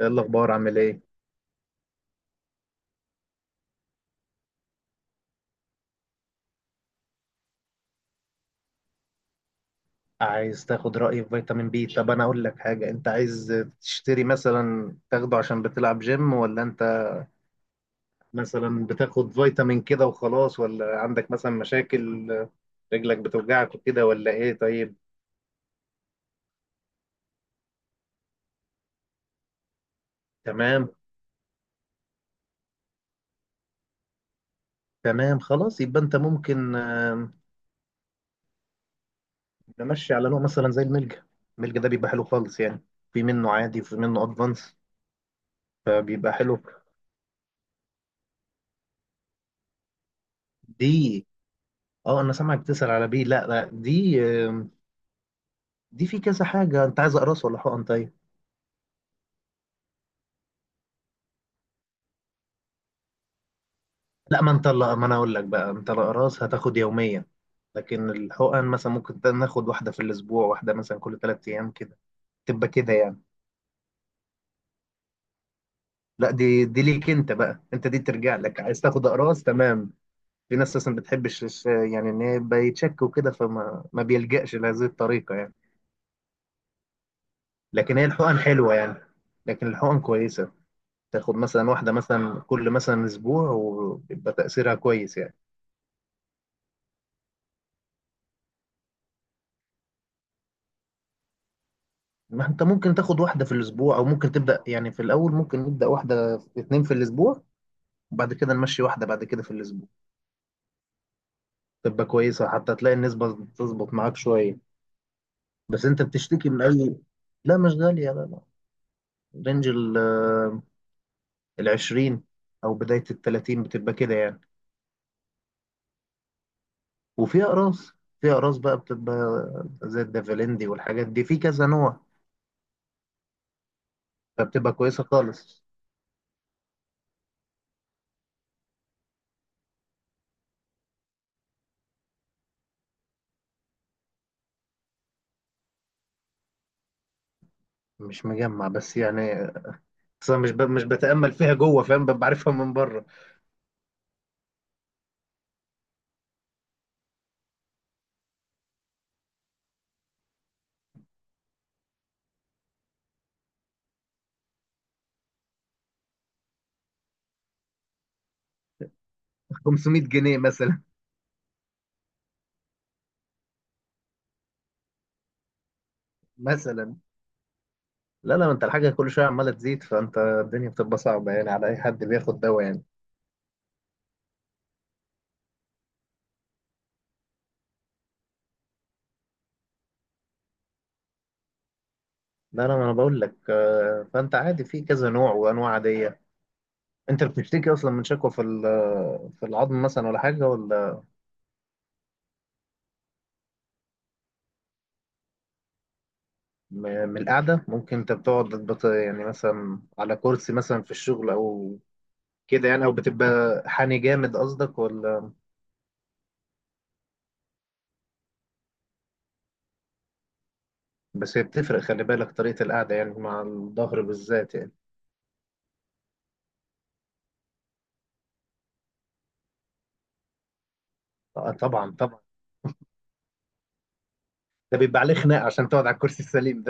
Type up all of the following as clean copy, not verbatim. ايه الاخبار؟ عامل ايه؟ عايز تاخد رايي في فيتامين بي؟ طب انا اقول لك حاجه. انت عايز تشتري، مثلا، تاخده عشان بتلعب جيم، ولا انت مثلا بتاخد فيتامين كده وخلاص، ولا عندك مثلا مشاكل، رجلك بتوجعك وكده، ولا ايه؟ طيب. تمام، تمام. خلاص، يبقى انت ممكن، نمشي على نوع مثلا زي الملجا ده بيبقى حلو خالص يعني. في منه عادي وفي منه ادفانس، فبيبقى حلو. دي. اه، انا سامعك تسأل على بي. لا، لا، دي في كذا حاجة. انت عايز اقراص ولا حقن؟ طيب. لا، ما انت لا، ما انا اقول لك بقى. انت الاقراص هتاخد يوميا، لكن الحقن مثلا ممكن ناخد واحدة في الاسبوع، واحدة مثلا كل 3 ايام كده، تبقى كده يعني. لا، دي ليك انت بقى. انت دي ترجع لك، عايز تاخد اقراص. تمام. في ناس اصلا ما بتحبش يعني ان هي يبقى يتشك وكده، فما ما بيلجأش لهذه الطريقة يعني. لكن هي الحقن حلوة يعني. لكن الحقن كويسة. تاخد مثلا واحدة، مثلا، كل مثلا اسبوع، ويبقى تأثيرها كويس يعني. ما انت ممكن تاخد واحدة في الأسبوع، أو ممكن تبدأ، يعني، في الأول ممكن نبدأ واحدة، اتنين في الأسبوع، وبعد كده نمشي واحدة بعد كده في الأسبوع. تبقى كويسة حتى تلاقي النسبة تظبط معاك شوية. بس أنت بتشتكي من أي؟ لا، مش غالية، لا، لا. رينج ال 20 أو بداية ال 30 بتبقى كده يعني. وفي أقراص في أقراص بقى بتبقى زي الدافلندي والحاجات دي، في كذا نوع، فبتبقى كويسة خالص. مش مجمع بس يعني. بس أنا مش بتأمل فيها جوه، فاهم، ببقى عارفها من بره. 500 جنيه مثلا. مثلا. لا، لا، ما انت الحاجه كل شويه عماله تزيد، فانت الدنيا بتبقى صعبه يعني، على اي حد بياخد دواء يعني. لا، لا، ما انا بقول لك فانت عادي في كذا نوع وانواع عاديه. انت بتشتكي اصلا من شكوى في العظم مثلا، ولا حاجه، ولا؟ من القعده. ممكن انت بتقعد، يعني مثلا على كرسي مثلا في الشغل، او كده يعني، او بتبقى حاني جامد قصدك، ولا؟ بس هي بتفرق، خلي بالك طريقه القعده يعني، مع الظهر بالذات يعني. آه، طبعا، طبعا. ده بيبقى عليه خناق عشان تقعد على الكرسي السليم.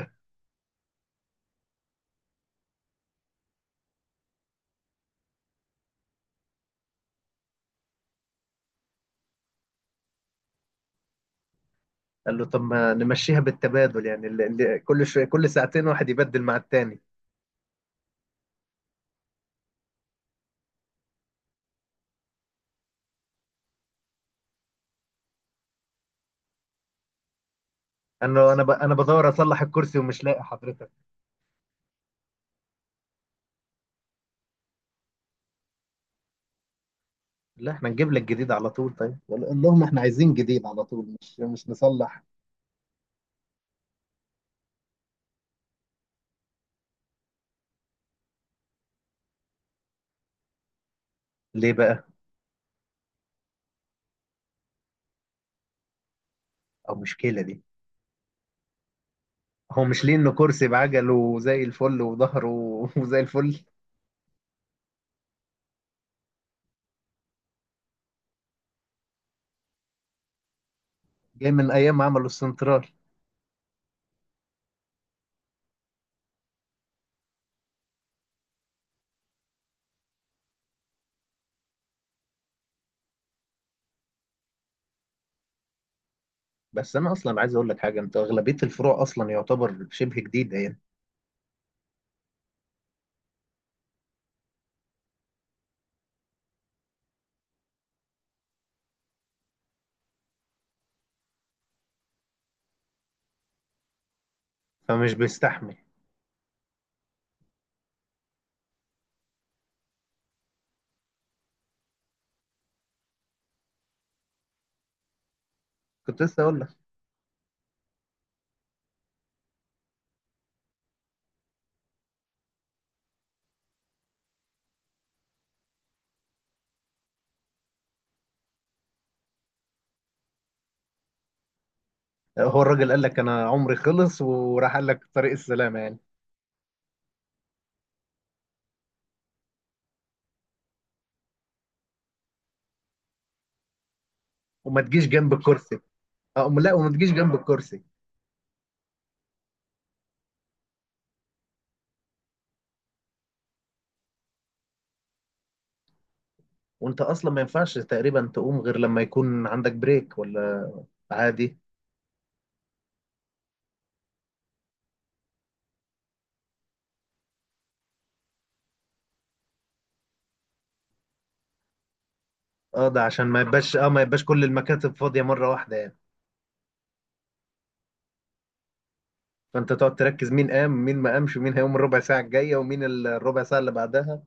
قال له: طب ما نمشيها بالتبادل يعني، اللي كل شويه كل ساعتين واحد يبدل مع التاني. قال له: انا بدور اصلح الكرسي ومش لاقي حضرتك. لا، احنا نجيب لك جديد على طول. طيب قال لهم: احنا عايزين جديد على طول، مش نصلح. ليه بقى؟ او مشكله دي. هو مش ليه؟ انه كرسي بعجله وزي الفل وظهره وزي الفل. جاي من ايام ما عملوا السنترال. بس انا اصلا عايز اقول لك حاجه، انت اغلبيه الفروع اصلا يعتبر شبه جديده يعني. فمش بيستحمل. كنت لسه اقول. هو الراجل قال لك: انا عمري خلص وراح، قال لك طريق السلامه يعني. وما تجيش جنب الكرسي. اه، لا، وما تجيش جنب الكرسي. وانت اصلا ما ينفعش تقريبا تقوم غير لما يكون عندك بريك، ولا عادي. اه، ده عشان ما يبقاش كل المكاتب فاضيه مره واحده يعني. فانت تقعد تركز مين قام، مين ما قامش، ومين هيقوم الربع ساعه الجايه، ومين الربع ساعه اللي بعدها.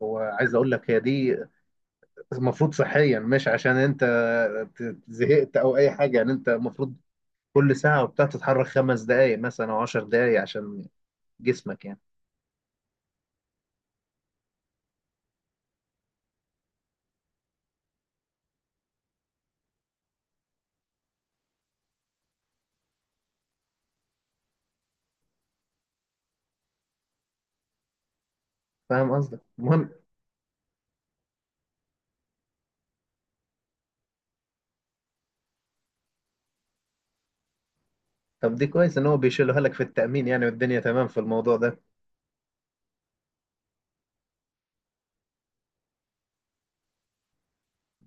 وعايز اقول لك، هي دي المفروض صحيا، مش عشان انت زهقت او اي حاجه يعني، انت المفروض كل ساعه وبتاع تتحرك 5 دقائق مثلا او 10 دقائق عشان جسمك يعني. فاهم قصدك. المهم. طب دي كويس ان هو بيشيلها لك في التأمين يعني، والدنيا تمام في الموضوع ده.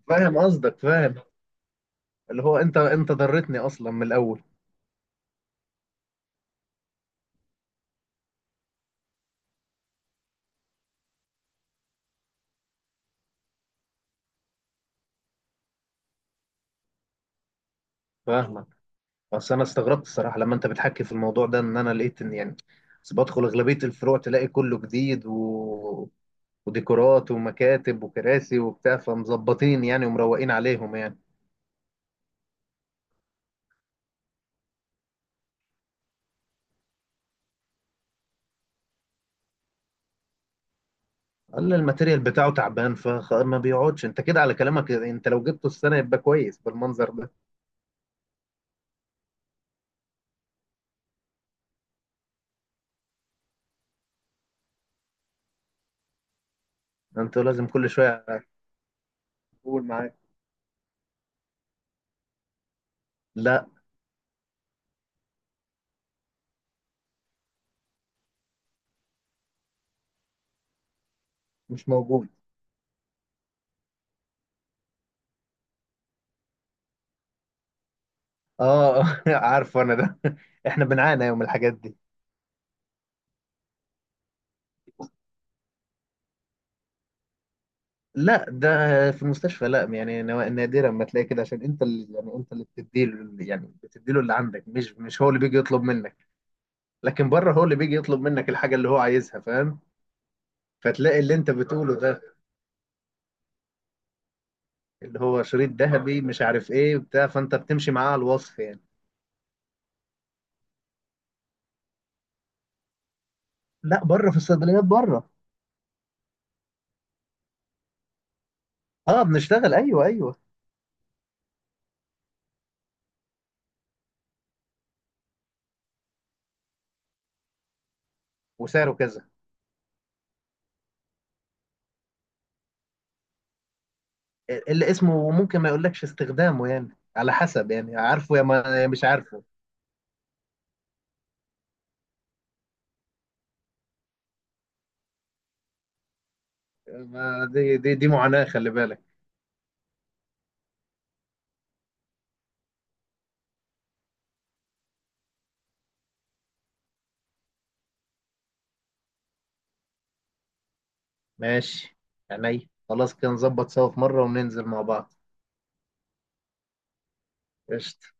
فاهم قصدك، فاهم. اللي هو انت ضرتني اصلا من الاول. فاهمك. بس انا استغربت الصراحة لما انت بتحكي في الموضوع ده، ان انا لقيت ان يعني، بس بدخل اغلبية الفروع تلاقي كله جديد وديكورات ومكاتب وكراسي وبتاع، فمظبطين يعني، ومروقين عليهم يعني. قال لي الماتيريال بتاعه تعبان، فما بيقعدش. انت كده على كلامك، انت لو جبته السنة يبقى كويس بالمنظر ده. انتوا لازم كل شوية تقول معاك. لا، مش موجود. اه، عارفه انا ده. احنا بنعاني يوم الحاجات دي. لا، ده. في المستشفى، لا يعني، نادرا ما تلاقي كده، عشان انت اللي، يعني، انت اللي بتديله يعني، اللي عندك، مش هو اللي بيجي يطلب منك. لكن بره هو اللي بيجي يطلب منك الحاجه اللي هو عايزها، فاهم؟ فتلاقي اللي انت بتقوله ده، اللي هو شريط ذهبي مش عارف ايه بتاع، فانت بتمشي معاه على الوصف يعني. لا، بره في الصيدليات، بره. اه، بنشتغل. ايوه، ايوه. وسعره كذا. اللي اسمه ممكن ما يقولكش استخدامه يعني، على حسب يعني، عارفه يا ما يا مش عارفه. ما دي معاناة، خلي بالك. ماشي، عينيا. خلاص، كده نظبط سوا في مرة وننزل مع بعض. قشطة.